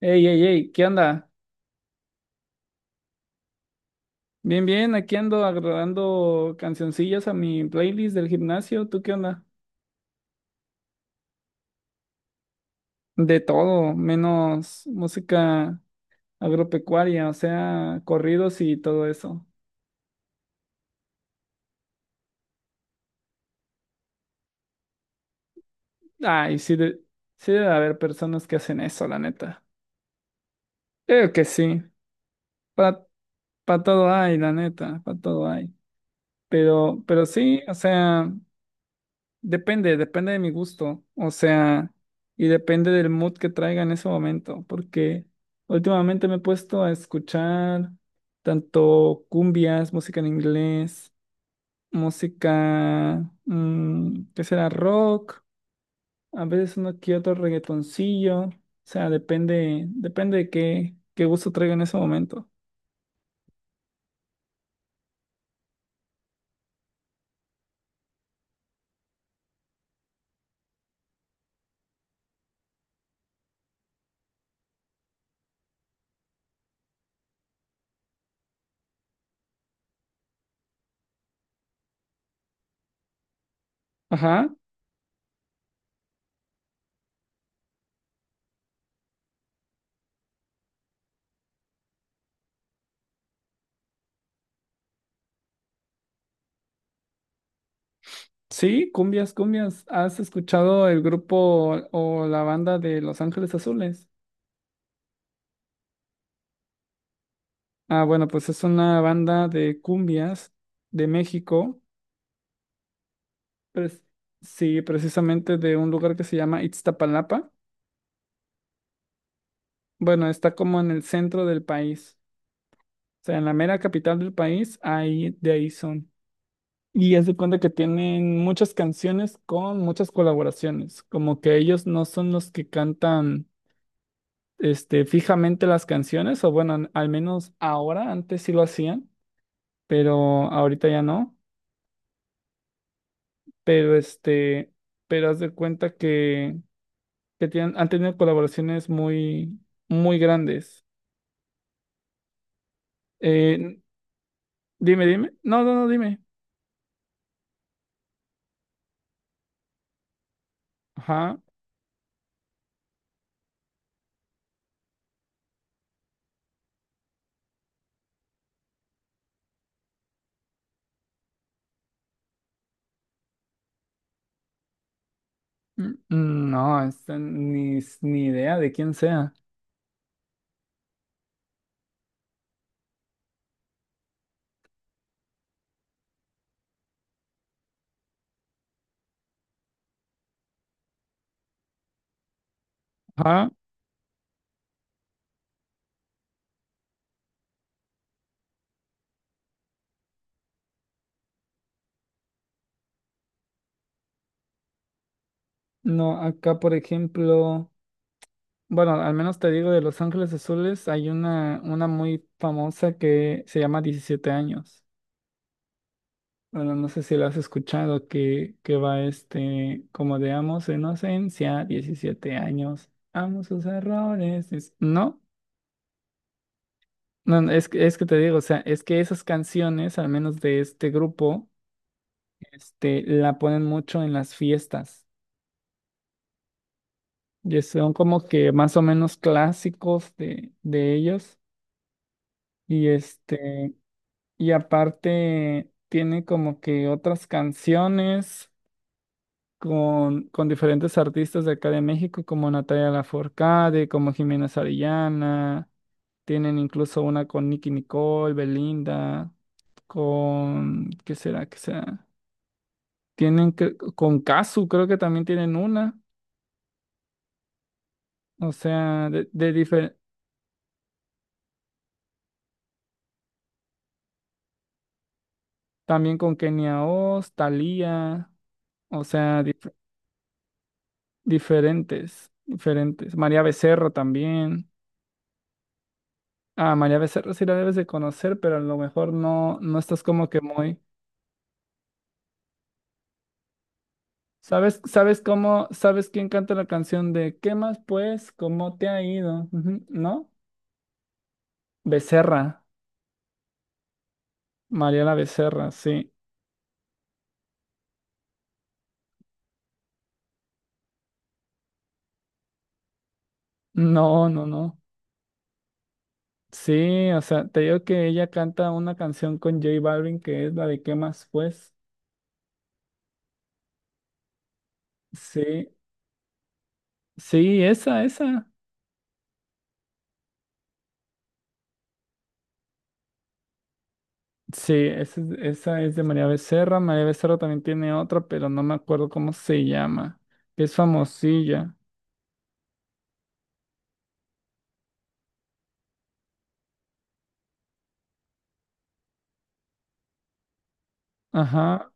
Ey, ¿qué onda? Bien, bien, aquí ando agregando cancioncillas a mi playlist del gimnasio. ¿Tú qué onda? De todo, menos música agropecuaria, o sea, corridos y todo eso. Ay, sí, sí debe haber personas que hacen eso, la neta. Creo que sí. Para todo hay, la neta, para todo hay. Pero sí, o sea. Depende, depende de mi gusto, o sea, y depende del mood que traiga en ese momento, porque últimamente me he puesto a escuchar tanto cumbias, música en inglés, música, ¿qué será? Rock, a veces uno que otro reggaetoncillo, o sea, depende, depende de qué, qué gusto traiga en ese momento. Ajá, sí, cumbias, cumbias. ¿Has escuchado el grupo o la banda de Los Ángeles Azules? Ah, bueno, pues es una banda de cumbias de México, pres- sí, precisamente de un lugar que se llama Iztapalapa. Bueno, está como en el centro del país, o sea, en la mera capital del país, ahí de ahí son. Y es de cuenta que tienen muchas canciones con muchas colaboraciones, como que ellos no son los que cantan este, fijamente las canciones, o bueno, al menos ahora, antes sí lo hacían, pero ahorita ya no. Este, pero haz de cuenta que tienen, han tenido colaboraciones muy, muy grandes. Eh, Dime, dime. No, dime. Ajá. No, esta ni idea de quién sea. Ajá. No, acá por ejemplo, bueno, al menos te digo de Los Ángeles Azules, hay una muy famosa que se llama 17 años. Bueno, no sé si lo has escuchado, que, va este, como de amo su inocencia, 17 años, amo sus errores. No, no, es que te digo, o sea, es que esas canciones, al menos de este grupo, este, la ponen mucho en las fiestas. Y son como que más o menos clásicos de ellos. Y este, y aparte tiene como que otras canciones. Con diferentes artistas de acá de México, como Natalia Lafourcade, como Jimena Sarillana. Tienen incluso una con Nicki Nicole, Belinda, con... ¿Qué será? ¿Qué será? Con Cazzu, creo que también tienen una. O sea, de también con Kenia Oz, Thalía, o sea, diferentes, diferentes. María Becerra también. Ah, María Becerra sí la debes de conocer, pero a lo mejor no, no estás como que muy... ¿ sabes quién canta la canción de ¿Qué más pues? ¿Cómo te ha ido? Ujú, ¿no? Becerra, Mariela Becerra, sí. No, no, no. Sí, o sea, te digo que ella canta una canción con J Balvin que es la de ¿Qué más pues? Sí, sí, esa, esa. Sí, esa es de María Becerra. María Becerra también tiene otra, pero no me acuerdo cómo se llama, que es famosilla. Ajá.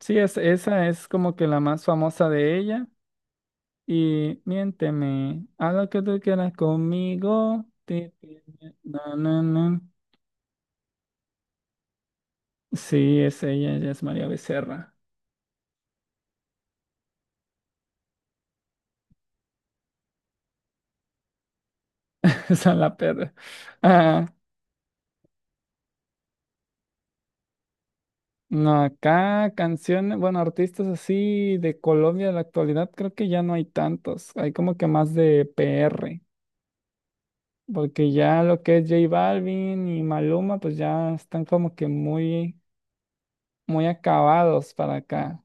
Sí, esa es como que la más famosa de ella. Y miénteme, haz lo que tú quieras conmigo. Ti, ti, mi- na, na, na. Sí, es ella, ella es María Becerra. Esa es la perra. Ah, no, acá canciones, bueno, artistas así de Colombia de la actualidad, creo que ya no hay tantos. Hay como que más de PR. Porque ya lo que es J Balvin y Maluma, pues ya están como que muy, muy acabados para acá.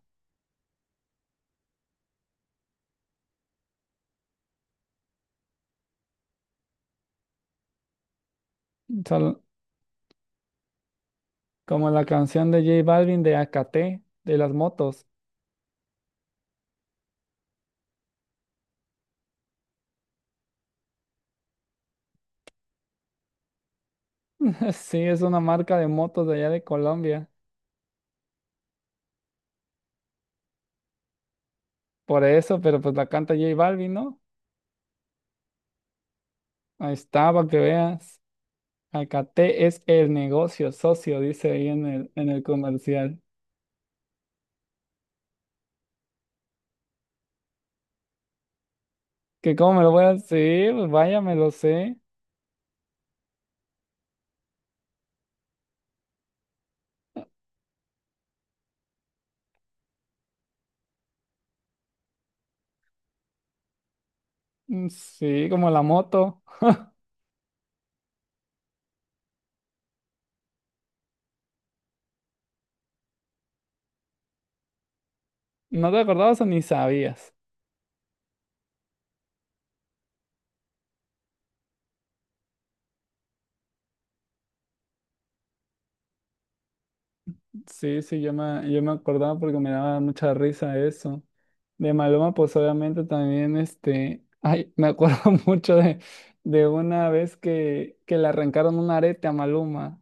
Como la canción de J Balvin de AKT, de las motos. Sí, es una marca de motos de allá de Colombia. Por eso, pero pues la canta J Balvin, ¿no? Ahí está, para que veas. AKT es el negocio socio, dice ahí en el comercial. Que cómo me lo voy a decir, pues vaya, me lo sé. Mm, sí, como la moto. ¿No te acordabas o ni sabías? Sí, sí, yo me acordaba porque me daba mucha risa eso. De Maloma, pues obviamente también, este, ay, me acuerdo mucho de una vez que le arrancaron un arete a Maluma.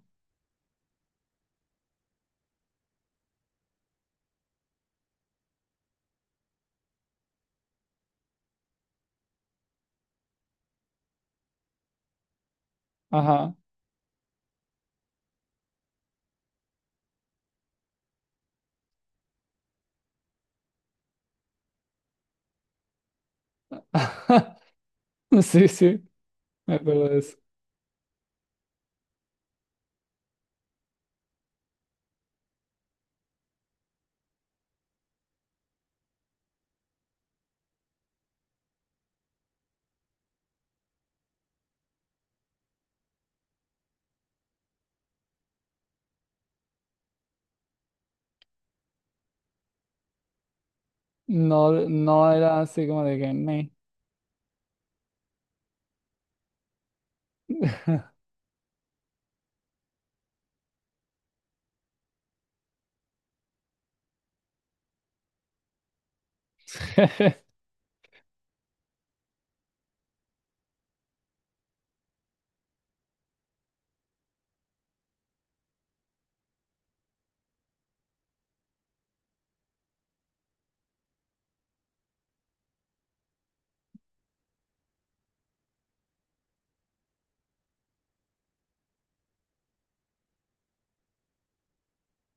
Ajá. Sí, sí, me acuerdo de eso. No, no era así como de que, "Meh".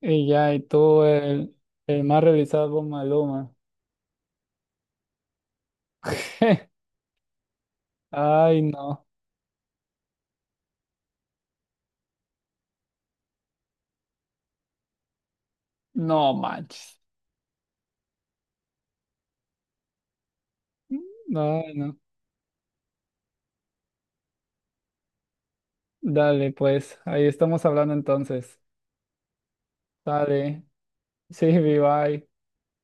Y ya, y tú, el más revisado por Maluma. Ay, no, no manches. No, no. Dale, pues, ahí estamos hablando entonces. Dale. Sí, bye.